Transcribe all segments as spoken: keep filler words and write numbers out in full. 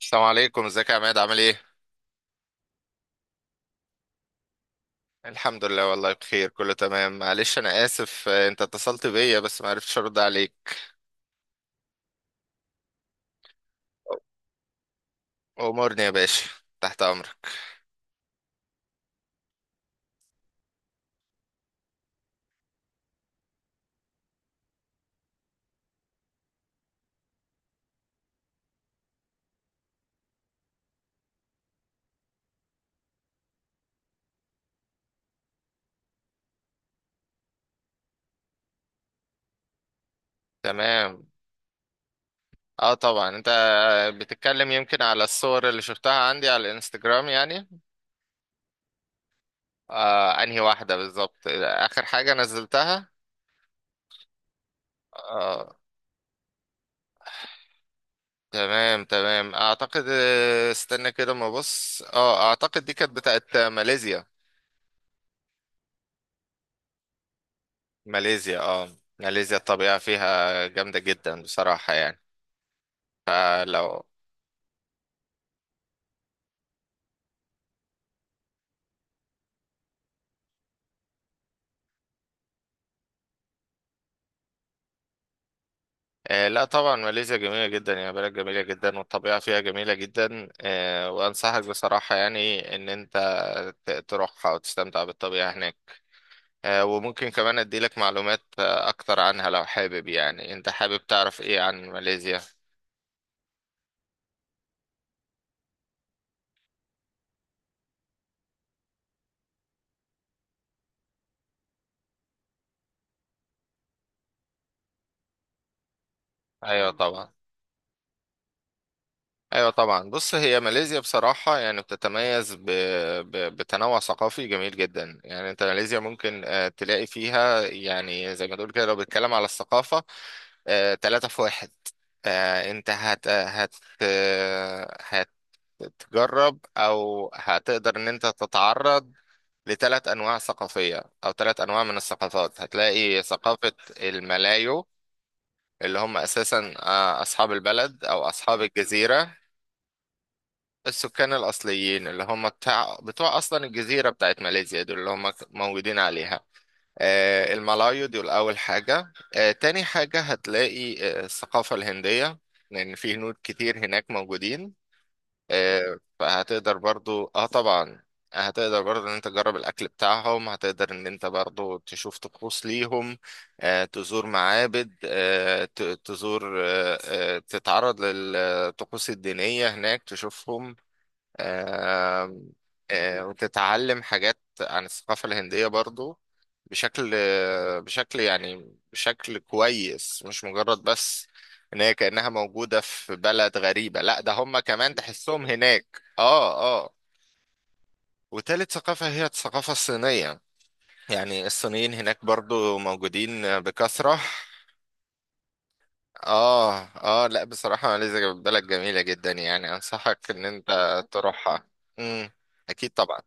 السلام عليكم، ازيك يا عماد؟ عامل ايه؟ الحمد لله والله بخير، كله تمام. معلش انا اسف، آه، انت اتصلت بيا بس ما عرفتش ارد عليك. امورني يا باشا، تحت امرك. تمام. اه طبعا، انت بتتكلم يمكن على الصور اللي شفتها عندي على الانستجرام يعني. آه، انهي واحدة بالظبط اخر حاجة نزلتها؟ اه. تمام تمام اعتقد، آه، استنى كده ما بص، اه اعتقد دي كانت بتاعت ماليزيا. ماليزيا، اه. ماليزيا الطبيعة فيها جامدة جدا بصراحة يعني. فلو، آه لا طبعا ماليزيا جميلة جدا يعني، بلد جميلة جدا والطبيعة فيها جميلة جدا. آه وأنصحك بصراحة يعني إن أنت ت- تروحها وتستمتع بالطبيعة هناك. آه وممكن كمان أديلك معلومات آه أكتر عنها لو حابب. يعني أنت حابب تعرف إيه عن ماليزيا؟ أيوة طبعا. ايوه طبعا، بص هي ماليزيا بصراحه يعني بتتميز ب... ب... بتنوع ثقافي جميل جدا. يعني انت ماليزيا ممكن آه، تلاقي فيها، يعني زي ما تقول كده، لو بتتكلم على الثقافه، آه، تلاتة في واحد. آه، انت هت هت آه، هتجرب او هتقدر ان انت تتعرض لثلاث انواع ثقافيه او ثلاث انواع من الثقافات. هتلاقي ثقافه الملايو، اللي هم اساسا آه، اصحاب البلد او اصحاب الجزيره. السكان الأصليين اللي هم بتاع بتوع أصلا الجزيرة بتاعت ماليزيا، دول اللي هم موجودين عليها. آه، الملايو دول أول حاجة. آه، تاني حاجة هتلاقي آه، الثقافة الهندية، لأن في هنود كتير هناك موجودين. آه، فهتقدر برضو، اه طبعا هتقدر برضو ان انت تجرب الاكل بتاعهم، هتقدر ان انت برضو تشوف طقوس ليهم، آه، تزور معابد، آه، ت- تزور آه، آه، تتعرض للطقوس الدينية هناك تشوفهم. آم، آه، وتتعلم حاجات عن الثقافة الهندية برضو بشكل بشكل يعني بشكل كويس، مش مجرد بس ان هي كأنها موجودة في بلد غريبة، لا ده هم كمان تحسهم هناك. اه اه. وتالت ثقافة هي الثقافة الصينية، يعني الصينيين هناك برضو موجودين بكثرة. اه اه، لا بصراحة ماليزيا بلد جميلة جدا، يعني انصحك ان انت تروحها. امم، اكيد طبعا.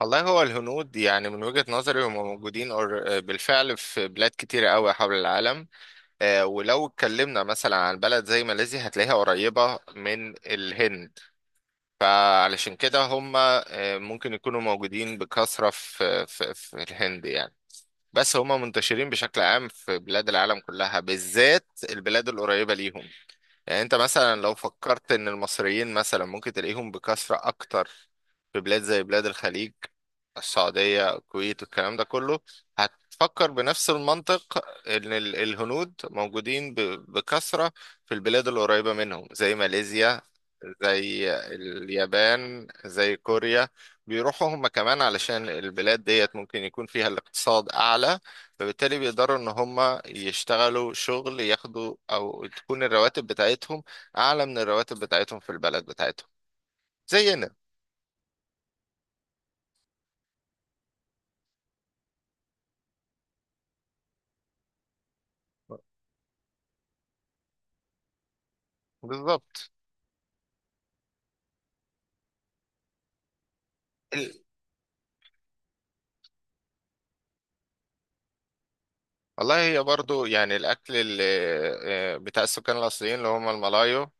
والله هو الهنود يعني من وجهة نظري هم موجودين أور- آه، بالفعل في بلاد كتيرة قوي حول العالم. آه، ولو اتكلمنا مثلا عن بلد زي ماليزيا هتلاقيها قريبة من الهند، فعلشان كده هم آه، ممكن يكونوا موجودين بكثرة في في في الهند يعني. بس هم منتشرين بشكل عام في بلاد العالم كلها، بالذات البلاد القريبة ليهم. يعني انت مثلا لو فكرت ان المصريين مثلا ممكن تلاقيهم بكثرة اكتر في بلاد زي بلاد الخليج، السعودية الكويت والكلام ده كله، هتفكر بنفس المنطق ان ال- الهنود موجودين ب- بكثرة في البلاد القريبة منهم، زي ماليزيا، زي اليابان، زي كوريا. بيروحوا هم كمان علشان البلاد ديت ممكن يكون فيها الاقتصاد اعلى، فبالتالي بيقدروا ان هم يشتغلوا شغل ياخدوا، او تكون الرواتب بتاعتهم اعلى من الرواتب بتاعتهم في البلد بتاعتهم، زينا بالظبط. ال- والله هي برضو يعني الاكل اللي آه، بتاع السكان الاصليين اللي هم الملايو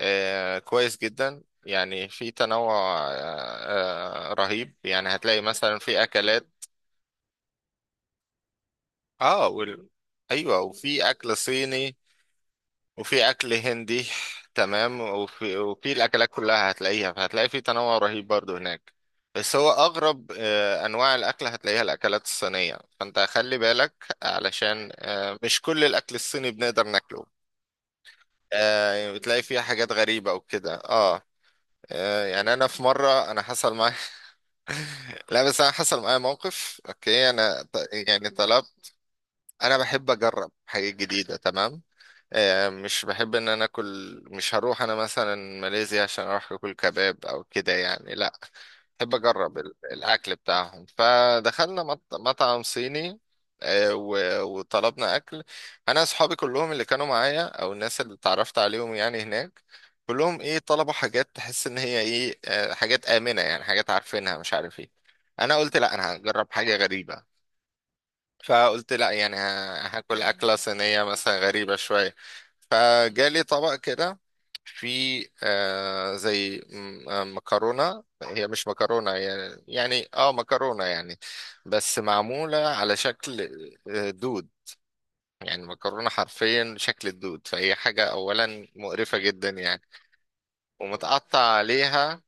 آه، كويس جدا. يعني في تنوع آه، آه، رهيب، يعني هتلاقي مثلا في اكلات. اه وال... ايوه وفي اكل صيني وفي اكل هندي. تمام، وفي وفي الاكلات كلها هتلاقيها، فهتلاقي في تنوع رهيب برضو هناك. بس هو اغرب آه، انواع الاكل هتلاقيها الاكلات الصينيه، فانت خلي بالك علشان آه، مش كل الاكل الصيني بنقدر ناكله. آه، يعني بتلاقي فيها حاجات غريبه وكده. اه، آه، يعني انا في مره انا حصل معايا لا بس انا حصل معايا موقف، اوكي. انا ط- يعني طلبت، انا بحب اجرب حاجات جديده، تمام. آه، مش بحب ان انا اكل، مش هروح انا مثلا ماليزيا عشان اروح اكل كباب او كده يعني، لا بحب اجرب ال- الاكل بتاعهم. فدخلنا مط- مطعم صيني، آه، و- وطلبنا اكل. انا اصحابي كلهم اللي كانوا معايا او الناس اللي اتعرفت عليهم يعني هناك، كلهم ايه، طلبوا حاجات تحس ان هي ايه، آه، حاجات آمنة يعني، حاجات عارفينها مش عارف ايه. انا قلت لا انا هجرب حاجة غريبة، فقلت لا يعني ه- هاكل أكلة صينية مثلا غريبة شوية. فجالي طبق كده في آه زي م- آه، مكرونة، هي مش مكرونة، هي- يعني اه مكرونة يعني، بس معمولة على شكل آه، دود. يعني مكرونة حرفيا شكل الدود، فهي حاجة أولا مقرفة جدا يعني. ومتقطع عليها،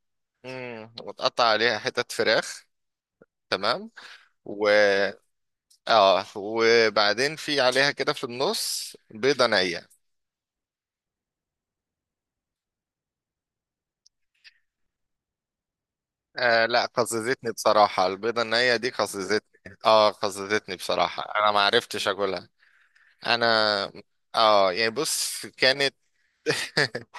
مم، متقطع عليها حتت فراخ، تمام. اه وبعدين في عليها كده في النص بيضة نية. آه لا قززتني بصراحة، البيضة النية دي قززتني، اه قززتني بصراحة، انا ما عرفتش اكلها. انا اه يعني بص كانت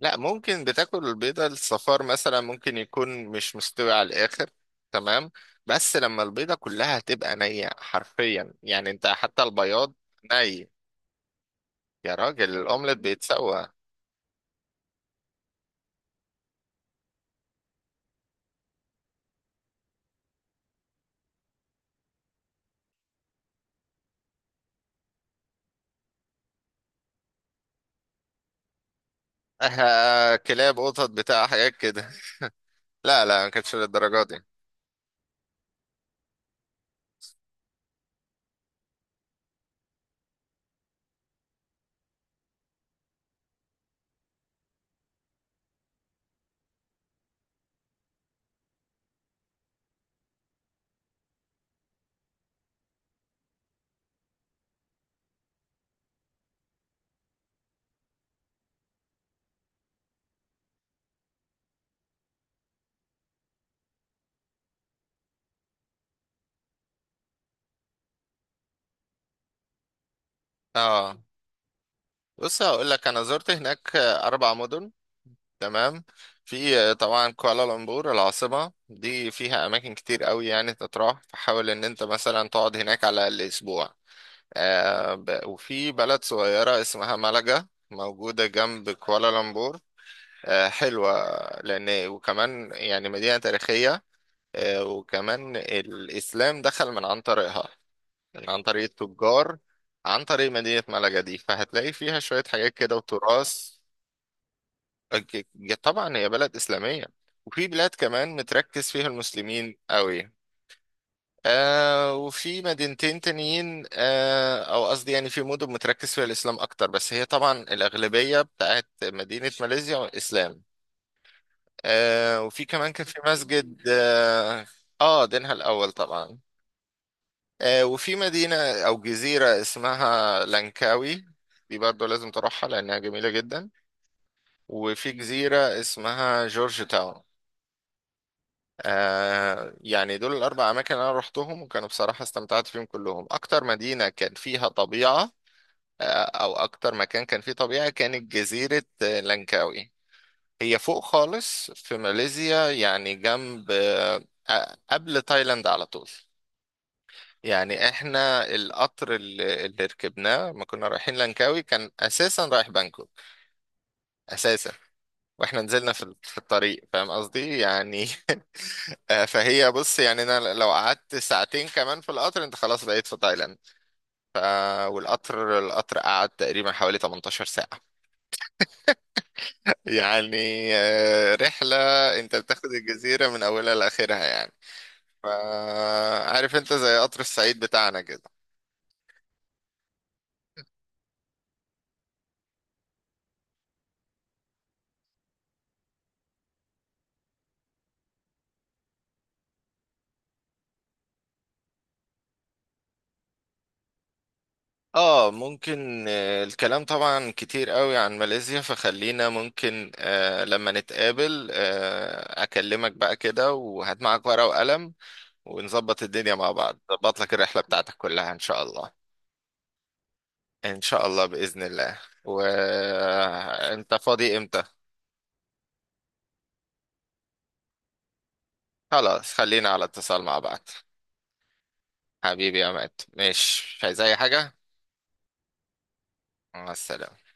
لا، ممكن بتاكل البيضة، الصفار مثلا ممكن يكون مش مستوي على الآخر، تمام، بس لما البيضة كلها تبقى نية حرفيا، يعني انت حتى البياض ني. يا راجل الأومليت بيتسوى. آه كلاب قطط بتاع حاجات كده، لا لا ما كانتش للدرجه دي. اه، بص هقول لك، انا زرت هناك اربع مدن، تمام. في طبعا كوالالمبور العاصمه، دي فيها اماكن كتير قوي يعني تتراح، فحاول ان انت مثلا تقعد هناك على الاقل اسبوع. آه ب- وفي بلد صغيره اسمها مالاجا موجوده جنب كوالالمبور، آه حلوه، لان وكمان يعني مدينه تاريخيه، آه وكمان الاسلام دخل من عن طريقها، يعني عن طريق التجار، عن طريق مدينة ملقا دي، فهتلاقي فيها شوية حاجات كده وتراث. أك- طبعا هي بلد إسلامية، وفي بلاد كمان متركز فيها المسلمين قوي. آه وفي مدينتين تانيين آه أو قصدي يعني في مدن متركز فيها الإسلام أكتر، بس هي طبعا الأغلبية بتاعت مدينة ماليزيا إسلام. آه وفي كمان كان في مسجد آه, آه دينها الأول طبعا. آه، وفي مدينة أو جزيرة اسمها لانكاوي، دي برضه لازم تروحها لأنها جميلة جدا. وفي جزيرة اسمها جورج تاون. آه يعني دول الأربع أماكن أنا روحتهم، وكانوا بصراحة استمتعت فيهم كلهم. أكتر مدينة كان فيها طبيعة آه أو أكتر مكان كان فيه طبيعة كانت جزيرة آه، لانكاوي. هي فوق خالص في ماليزيا يعني، جنب آه آه، قبل تايلاند على طول. يعني احنا القطر اللي, اللي ركبناه لما كنا رايحين لانكاوي كان اساسا رايح بانكوك اساسا، واحنا نزلنا في في الطريق، فاهم قصدي يعني. آه، فهي بص يعني، انا لو قعدت ساعتين كمان في القطر انت خلاص بقيت في تايلاند. ف والقطر القطر قعد تقريبا حوالي تمنتاشر ساعة يعني. آه، رحلة، انت بتاخد الجزيرة من اولها لاخرها يعني. ف- عارف انت زي قطر الصعيد بتاعنا كده. اه ممكن، آه، الكلام طبعا كتير قوي عن ماليزيا، فخلينا ممكن آه، لما نتقابل آه، اكلمك بقى كده، وهات معاك ورقة وقلم، ونظبط الدنيا مع بعض، ظبط لك الرحلة بتاعتك كلها ان شاء الله. ان شاء الله بإذن الله. وانت فاضي امتى؟ خلاص خلينا على اتصال مع بعض. حبيبي يا مات، ماشي، مش عايز اي حاجة؟ مع السلامة.